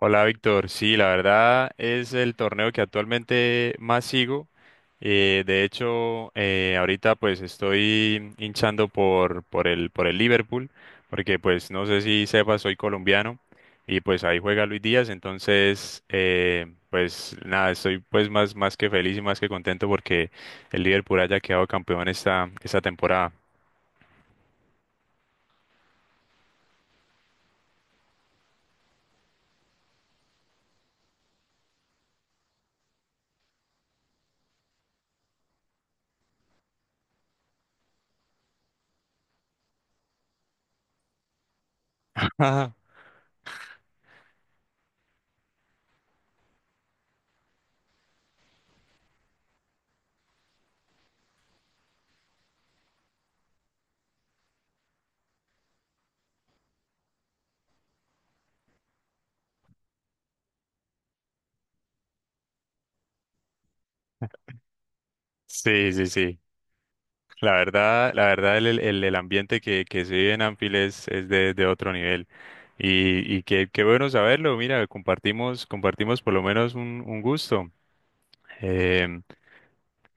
Hola Víctor, sí, la verdad es el torneo que actualmente más sigo. De hecho, ahorita pues estoy hinchando por el Liverpool, porque pues no sé si sepas, soy colombiano y pues ahí juega Luis Díaz, entonces pues nada, estoy pues más que feliz y más que contento porque el Liverpool haya quedado campeón esta temporada. Sí, sí, sí. La verdad el ambiente que se vive en Anfield es de otro nivel. Y qué bueno saberlo. Mira, compartimos, compartimos por lo menos un gusto. Em,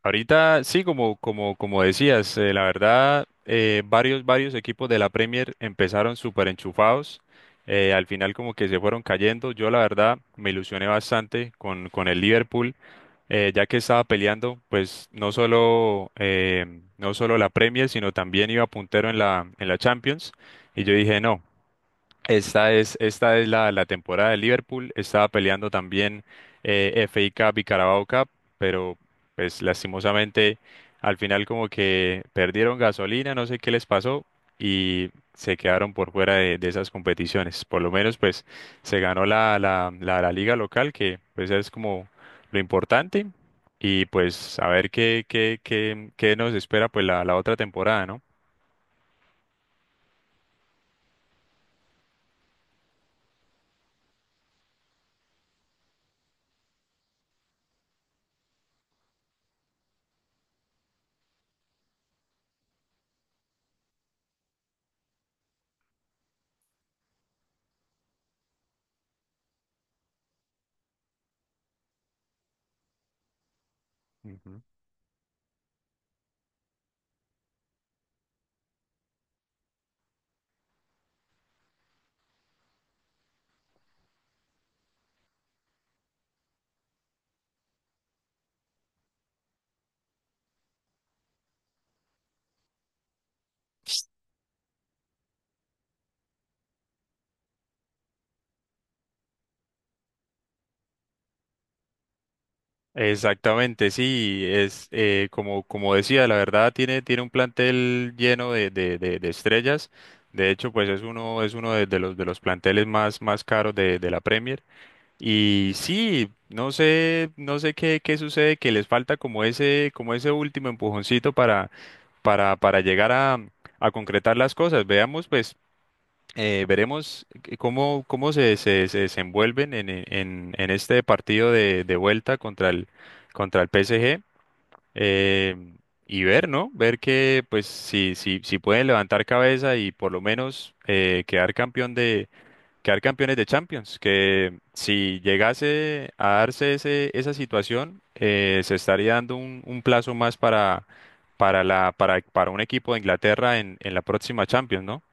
Ahorita sí, como decías, la verdad, varios equipos de la Premier empezaron súper enchufados. Eh, al final como que se fueron cayendo. Yo la verdad me ilusioné bastante con el Liverpool, ya que estaba peleando, pues no solo, no solo la Premier, sino también iba puntero en la Champions. Y yo dije, no, la temporada de Liverpool. Estaba peleando también FA Cup y Carabao Cup, pero pues lastimosamente al final como que perdieron gasolina, no sé qué les pasó y se quedaron por fuera de esas competiciones. Por lo menos pues se ganó la liga local, que pues es como lo importante. Y pues a ver qué nos espera pues la otra temporada, ¿no? Ujú. Exactamente, sí, es como decía, la verdad tiene un plantel lleno de estrellas. De hecho, pues es uno de los de los planteles más caros de la Premier. Y sí, no sé, no sé qué, qué sucede, que les falta como ese último empujoncito para llegar a concretar las cosas. Veamos, pues. Cómo, se desenvuelven en este partido de vuelta contra el PSG eh, y ver, ¿no? Ver que pues si, si, si pueden levantar cabeza y por lo menos quedar campeones de Champions, que si llegase a darse ese, esa situación, se estaría dando un plazo más para un equipo de Inglaterra en la próxima Champions, ¿no?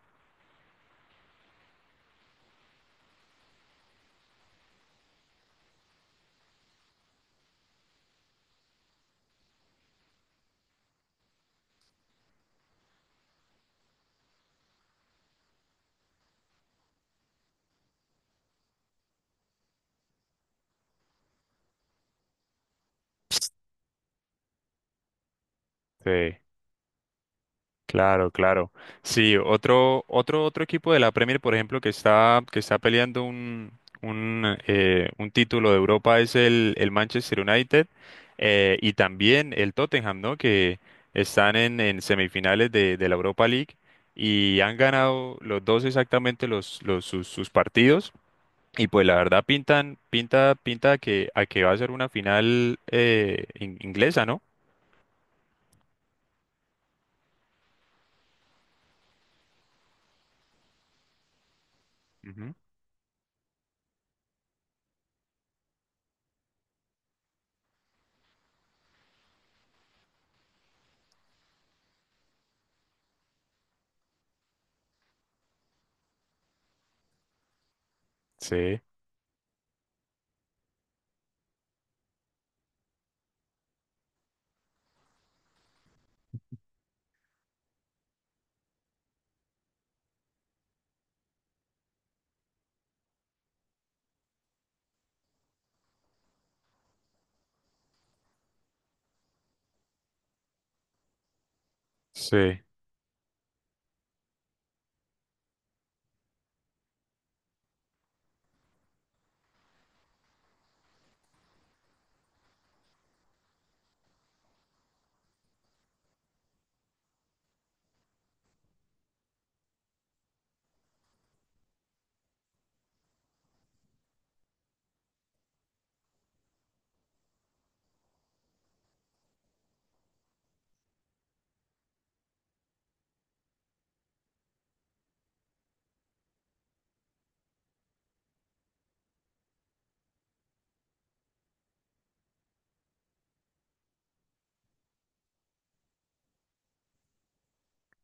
Sí. Claro, claro. Sí, otro equipo de la Premier, por ejemplo, que está peleando un título de Europa es el Manchester United y también el Tottenham, ¿no? Que están en semifinales de la Europa League y han ganado los dos exactamente sus partidos. Y pues la verdad pinta a que va a ser una final inglesa, ¿no? Ujú. Sí, sí.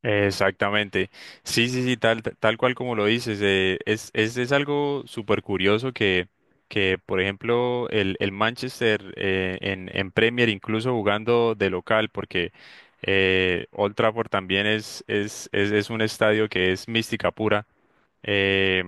Exactamente. Sí, sí, sí, tal cual como lo dices. Eh, es algo súper curioso que, por ejemplo, el Manchester en Premier, incluso jugando de local, porque Old Trafford también es un estadio que es mística pura. Eh,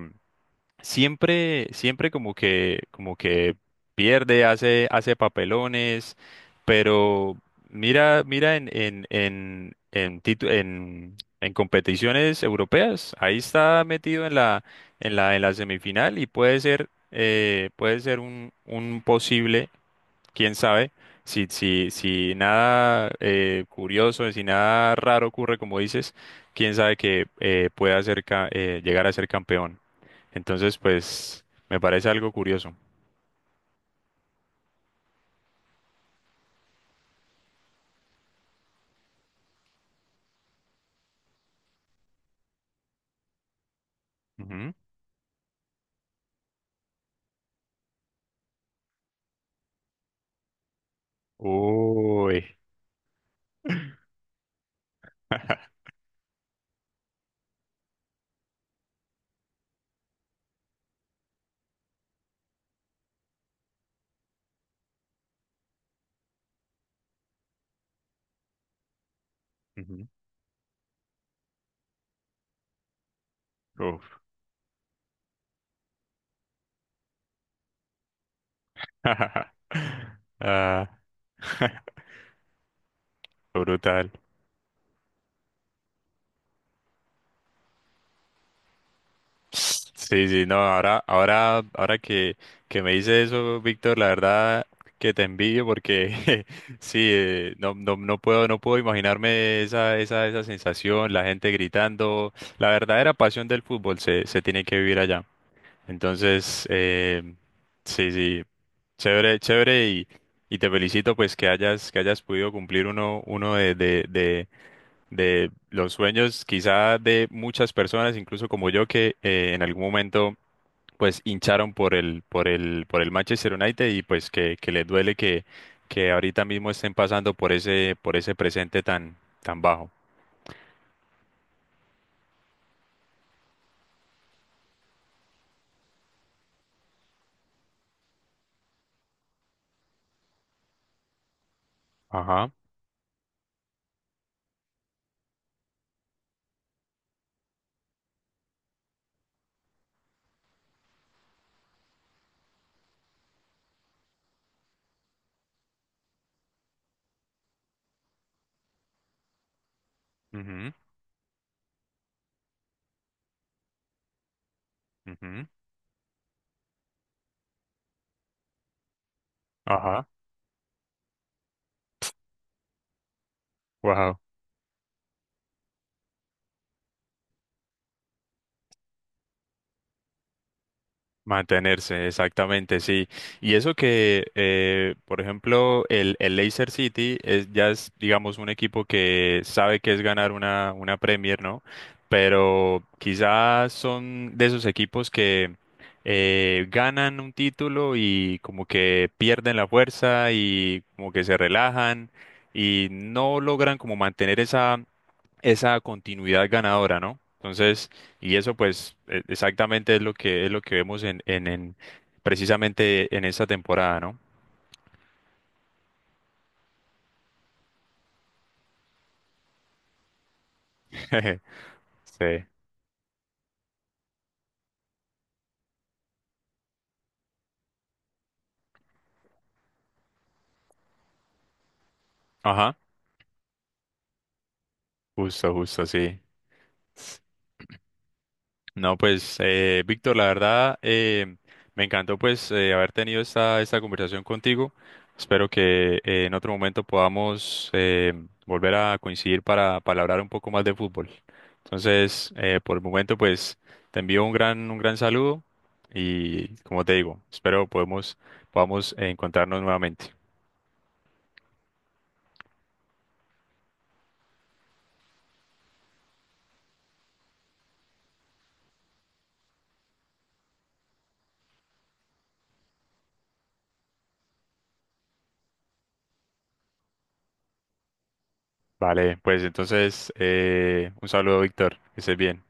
siempre, siempre como que pierde, hace, hace papelones, pero mira, mira en competiciones europeas, ahí está metido en en la semifinal y puede ser un posible, quién sabe. Si, si, si nada curioso, si nada raro ocurre, como dices, quién sabe que llegar a ser campeón. Entonces, pues, me parece algo curioso. Ujú. Uy. Ujú. Uf. Ah, brutal. Sí, sí, no, ahora que me dice eso, Víctor, la verdad que te envidio porque sí, no, no puedo, no puedo imaginarme esa sensación, la gente gritando. La verdadera pasión del fútbol se, se tiene que vivir allá. Entonces, sí, sí, chévere, chévere y te felicito pues que hayas podido cumplir uno, uno de los sueños quizá de muchas personas, incluso como yo, que en algún momento pues hincharon por el Manchester United y pues que les duele que ahorita mismo estén pasando por ese presente tan, tan bajo. Ajá. ujú, ujú, Ajá. Wow. Mantenerse, exactamente, sí. Y eso que, por ejemplo, el Leicester City es, ya es, digamos, un equipo que sabe que es ganar una Premier, ¿no? Pero quizás son de esos equipos que ganan un título y como que pierden la fuerza y como que se relajan y no logran como mantener esa esa continuidad ganadora, ¿no? Entonces, y eso pues exactamente es lo que vemos precisamente en esta temporada, ¿no? Sí. Ajá, justo, justo, sí. No, pues, Víctor, la verdad, me encantó pues haber tenido esta, esta conversación contigo. Espero que en otro momento podamos volver a coincidir para hablar un poco más de fútbol. Entonces, por el momento, pues, te envío un gran saludo y, como te digo, espero podemos, podamos encontrarnos nuevamente. Vale, pues entonces, un saludo, Víctor, que estés bien.